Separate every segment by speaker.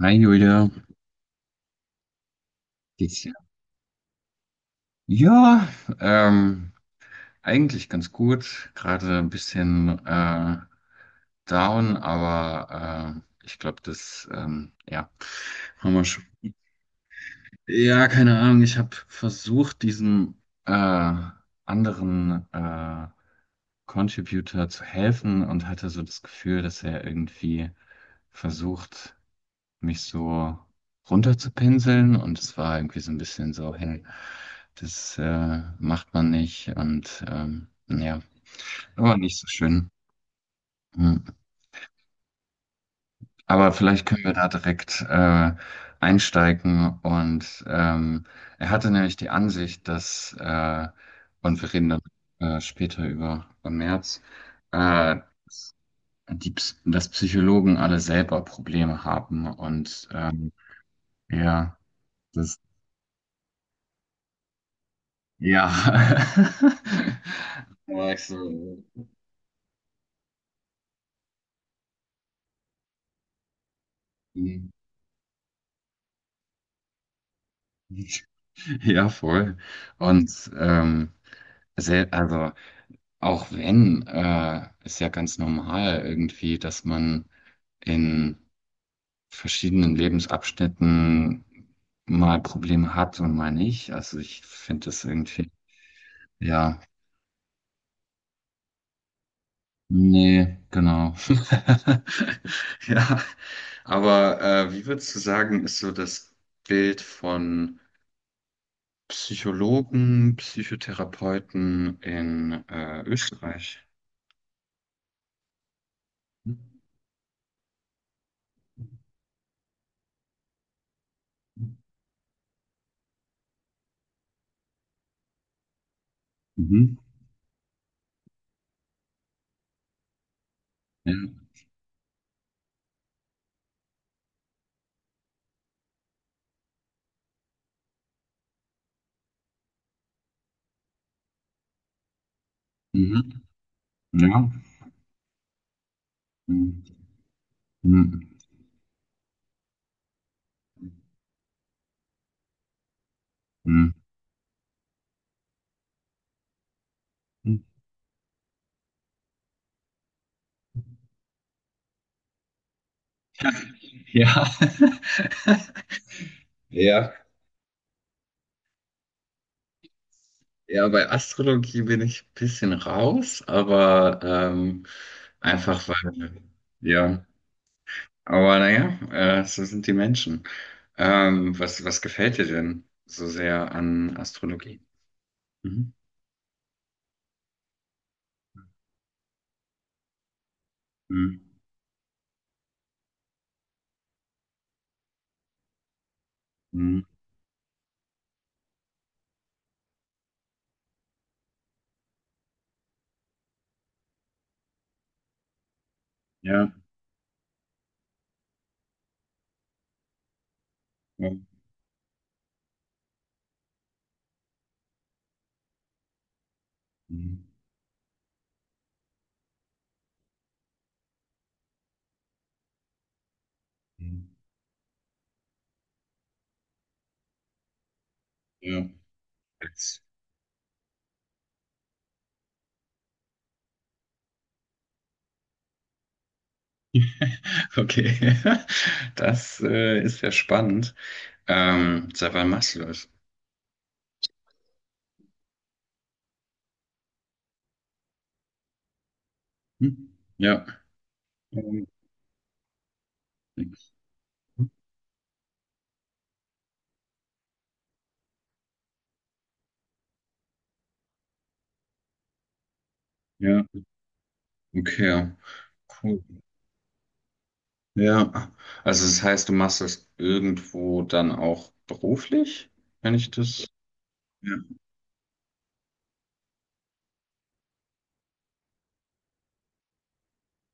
Speaker 1: Hi Julia, geht's dir? Ja, ähm, eigentlich ganz gut. Gerade ein bisschen down, aber ich glaube, ja, haben wir schon. Ja, keine Ahnung. Ich habe versucht, diesem anderen Contributor zu helfen und hatte so das Gefühl, dass er irgendwie versucht, mich so runterzupinseln, und es war irgendwie so ein bisschen so, hey, das macht man nicht, und ja, war nicht so schön. Hm. Aber vielleicht können wir da direkt einsteigen, und er hatte nämlich die Ansicht, dass und wir reden dann später über im März, äh, die, dass Psychologen alle selber Probleme haben, und ja, das Ja. Magst so. Mhm. Ja, voll. Und also auch wenn, ist ja ganz normal irgendwie, dass man in verschiedenen Lebensabschnitten mal Probleme hat und mal nicht. Also ich finde das irgendwie, ja, nee, genau. Ja, aber wie würdest du sagen, ist so das Bild von Psychologen, Psychotherapeuten in Österreich? Mhm. Ja. Mhm. Ja. Mhm. Mhm. Mhm. Ja. Ja, ja, bei Astrologie bin ich ein bisschen raus, aber einfach weil, ja, aber naja, so sind die Menschen. Was, was gefällt dir denn so sehr an Astrologie? Mhm. Mhm. Mhm. Ja. Ja. Mhm. Mhm. Ja. Okay, das ist ja spannend. Seit wann machst du das? Hm? Ja. Ähm, ja, okay. Cool. Ja, also das heißt, du machst das irgendwo dann auch beruflich, wenn ich das. Ja.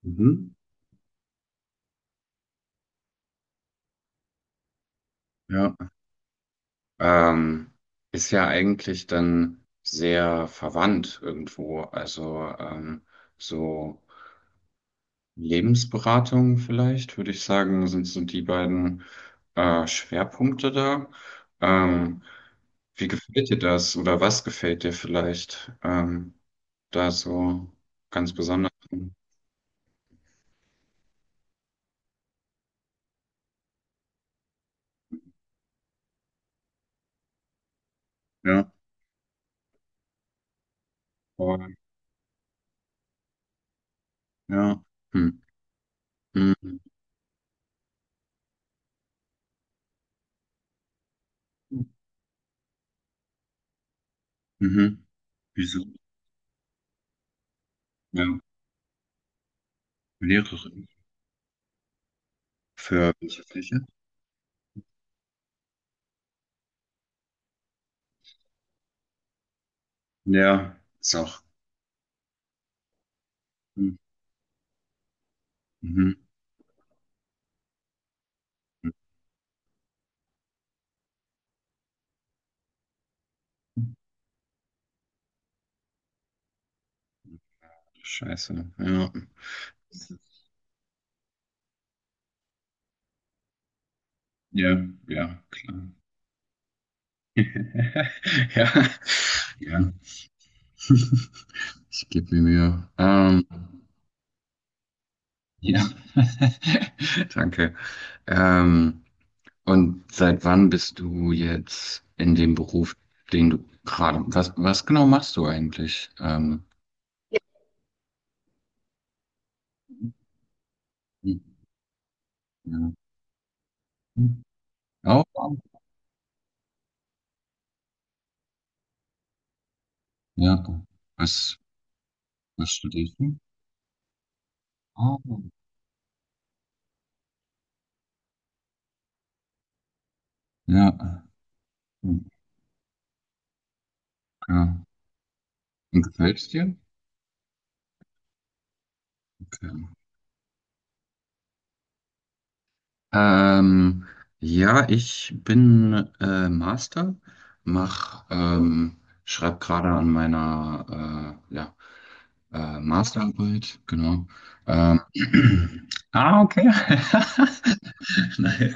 Speaker 1: Mhm. Ja. Ähm, ist ja eigentlich dann sehr verwandt irgendwo. Also so. Lebensberatung vielleicht, würde ich sagen, sind so die beiden Schwerpunkte da. Ähm, wie gefällt dir das, oder was gefällt dir vielleicht da so ganz besonders? Ja, voll, ja. Hm. Mhm. Mhm. Wieso? Ja, Lehrerin. Für welche Fläche? Ja, ist auch. Mhm. Mhm. Scheiße. Ja. Ja, ja, klar. Ja, ja, ich gebe mir Mühe. Ja, danke. Ähm, und seit wann bist du jetzt in dem Beruf, den du gerade, was, was genau machst du eigentlich? Ja. Auch? Ja. Was, was studierst du? Oh. Ja, okay. Und gefällt es dir? Okay. Ähm, ja, ich bin Master, mach, ähm, schreib gerade an meiner ja, Masterarbeit, genau. Ähm, ah, okay. Nice.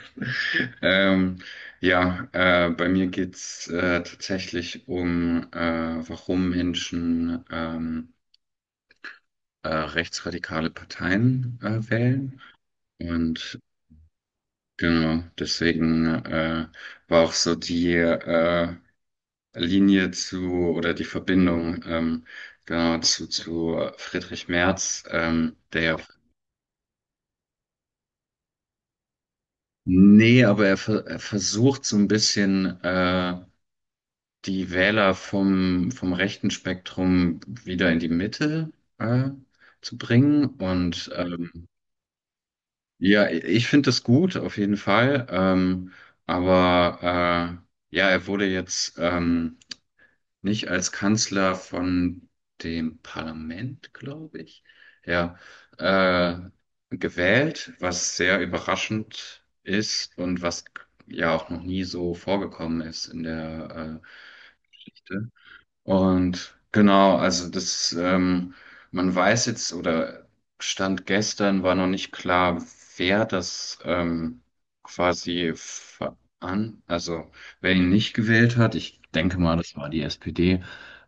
Speaker 1: Ähm, ja, bei mir geht's tatsächlich um, warum Menschen rechtsradikale Parteien wählen. Und genau, deswegen war auch so die Linie zu oder die Verbindung genau zu Friedrich Merz, der ja, nee, aber er versucht so ein bisschen die Wähler vom, vom rechten Spektrum wieder in die Mitte äh, zu bringen. Und ja, ich finde das gut, auf jeden Fall. Aber ja, er wurde jetzt. Nicht als Kanzler von dem Parlament, glaube ich, ja, äh, gewählt, was sehr überraschend ist und was ja auch noch nie so vorgekommen ist in der Geschichte. Und genau, also das, man weiß jetzt oder Stand gestern war noch nicht klar, wer das quasi also wer ihn nicht gewählt hat. Ich denke mal, das war die SPD.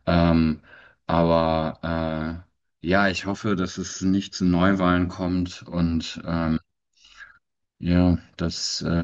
Speaker 1: Ähm, aber ja, ich hoffe, dass es nicht zu Neuwahlen kommt und ja, dass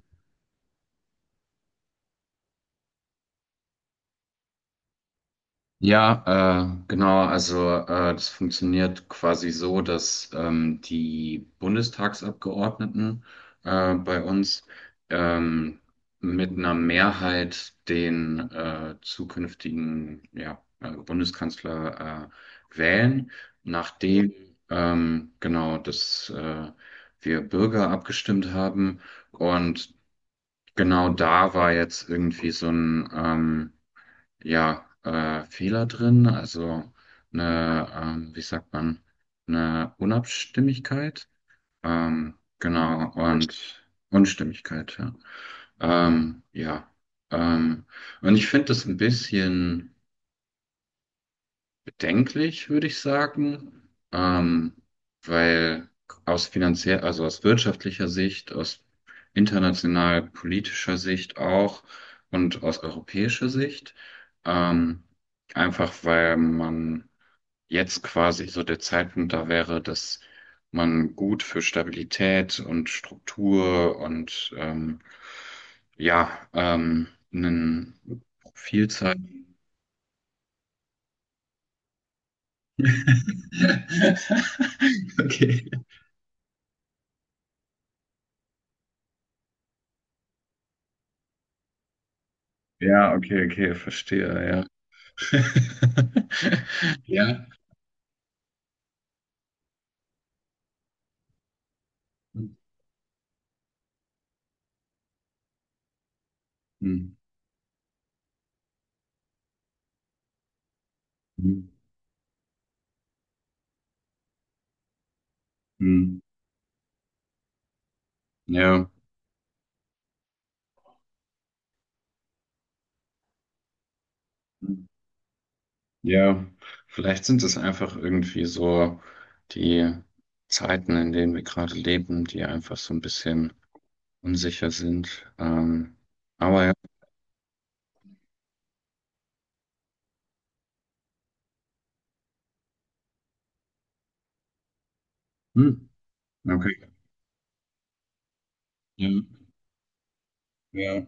Speaker 1: ja, genau. Also das funktioniert quasi so, dass die Bundestagsabgeordneten bei uns ähm, mit einer Mehrheit den zukünftigen ja, Bundeskanzler wählen, nachdem genau, dass wir Bürger abgestimmt haben. Und genau, da war jetzt irgendwie so ein ja, Fehler drin, also eine, wie sagt man, eine Unabstimmigkeit, genau, und Unstimmigkeit, ja. Ja. Ähm, und ich finde das ein bisschen bedenklich, würde ich sagen, weil aus finanziell, also aus wirtschaftlicher Sicht, aus international politischer Sicht auch und aus europäischer Sicht, ähm, einfach weil man jetzt quasi so der Zeitpunkt da wäre, dass man gut für Stabilität und Struktur und ja, ähm, einen Profil zeigt. Okay. Ja, okay, okay, verstehe, ja. Ja. Mhm. Mhm. Mhm. Ja. Mhm. Ja. Vielleicht sind es einfach irgendwie so die Zeiten, in denen wir gerade leben, die einfach so ein bisschen unsicher sind. Aber ja. Hm, okay. Ja, ja.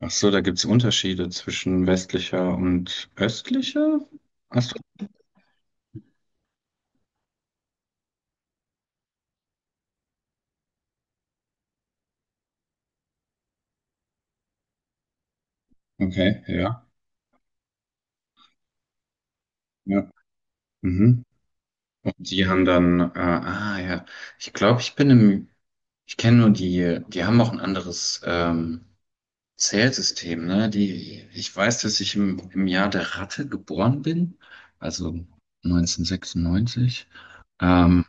Speaker 1: Ach so, da gibt's Unterschiede zwischen westlicher und östlicher? Ach so. Okay, ja. Ja. Mhm. Und die haben dann, ah ja, ich glaube, ich bin im, ich kenne nur die, die haben auch ein anderes Zählsystem, ne? Die, ich weiß, dass ich im, im Jahr der Ratte geboren bin, also 1996. Ähm,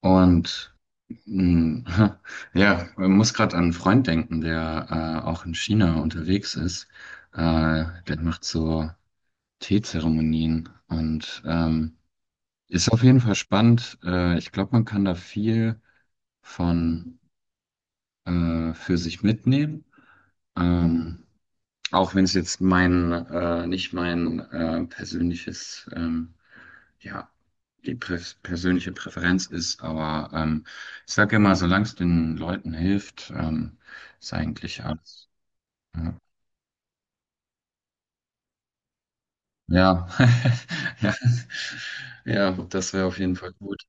Speaker 1: und mh, ja, man muss gerade an einen Freund denken, der auch in China unterwegs ist. Der macht so Teezeremonien und ist auf jeden Fall spannend. Ich glaube, man kann da viel von für sich mitnehmen. Ähm, auch wenn es jetzt mein, nicht mein persönliches, ja, die prä persönliche Präferenz ist, aber ich sage immer, solange es den Leuten hilft, ist eigentlich alles. Ja, ja, ja, ja, das wäre auf jeden Fall gut.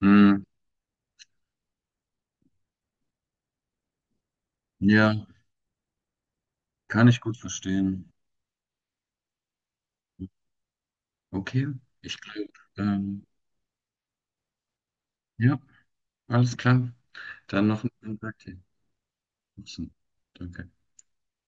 Speaker 1: Hm, ja, kann ich gut verstehen. Okay, ich glaube, ähm, ja, alles klar. Dann noch einen schönen Tag dir. Danke.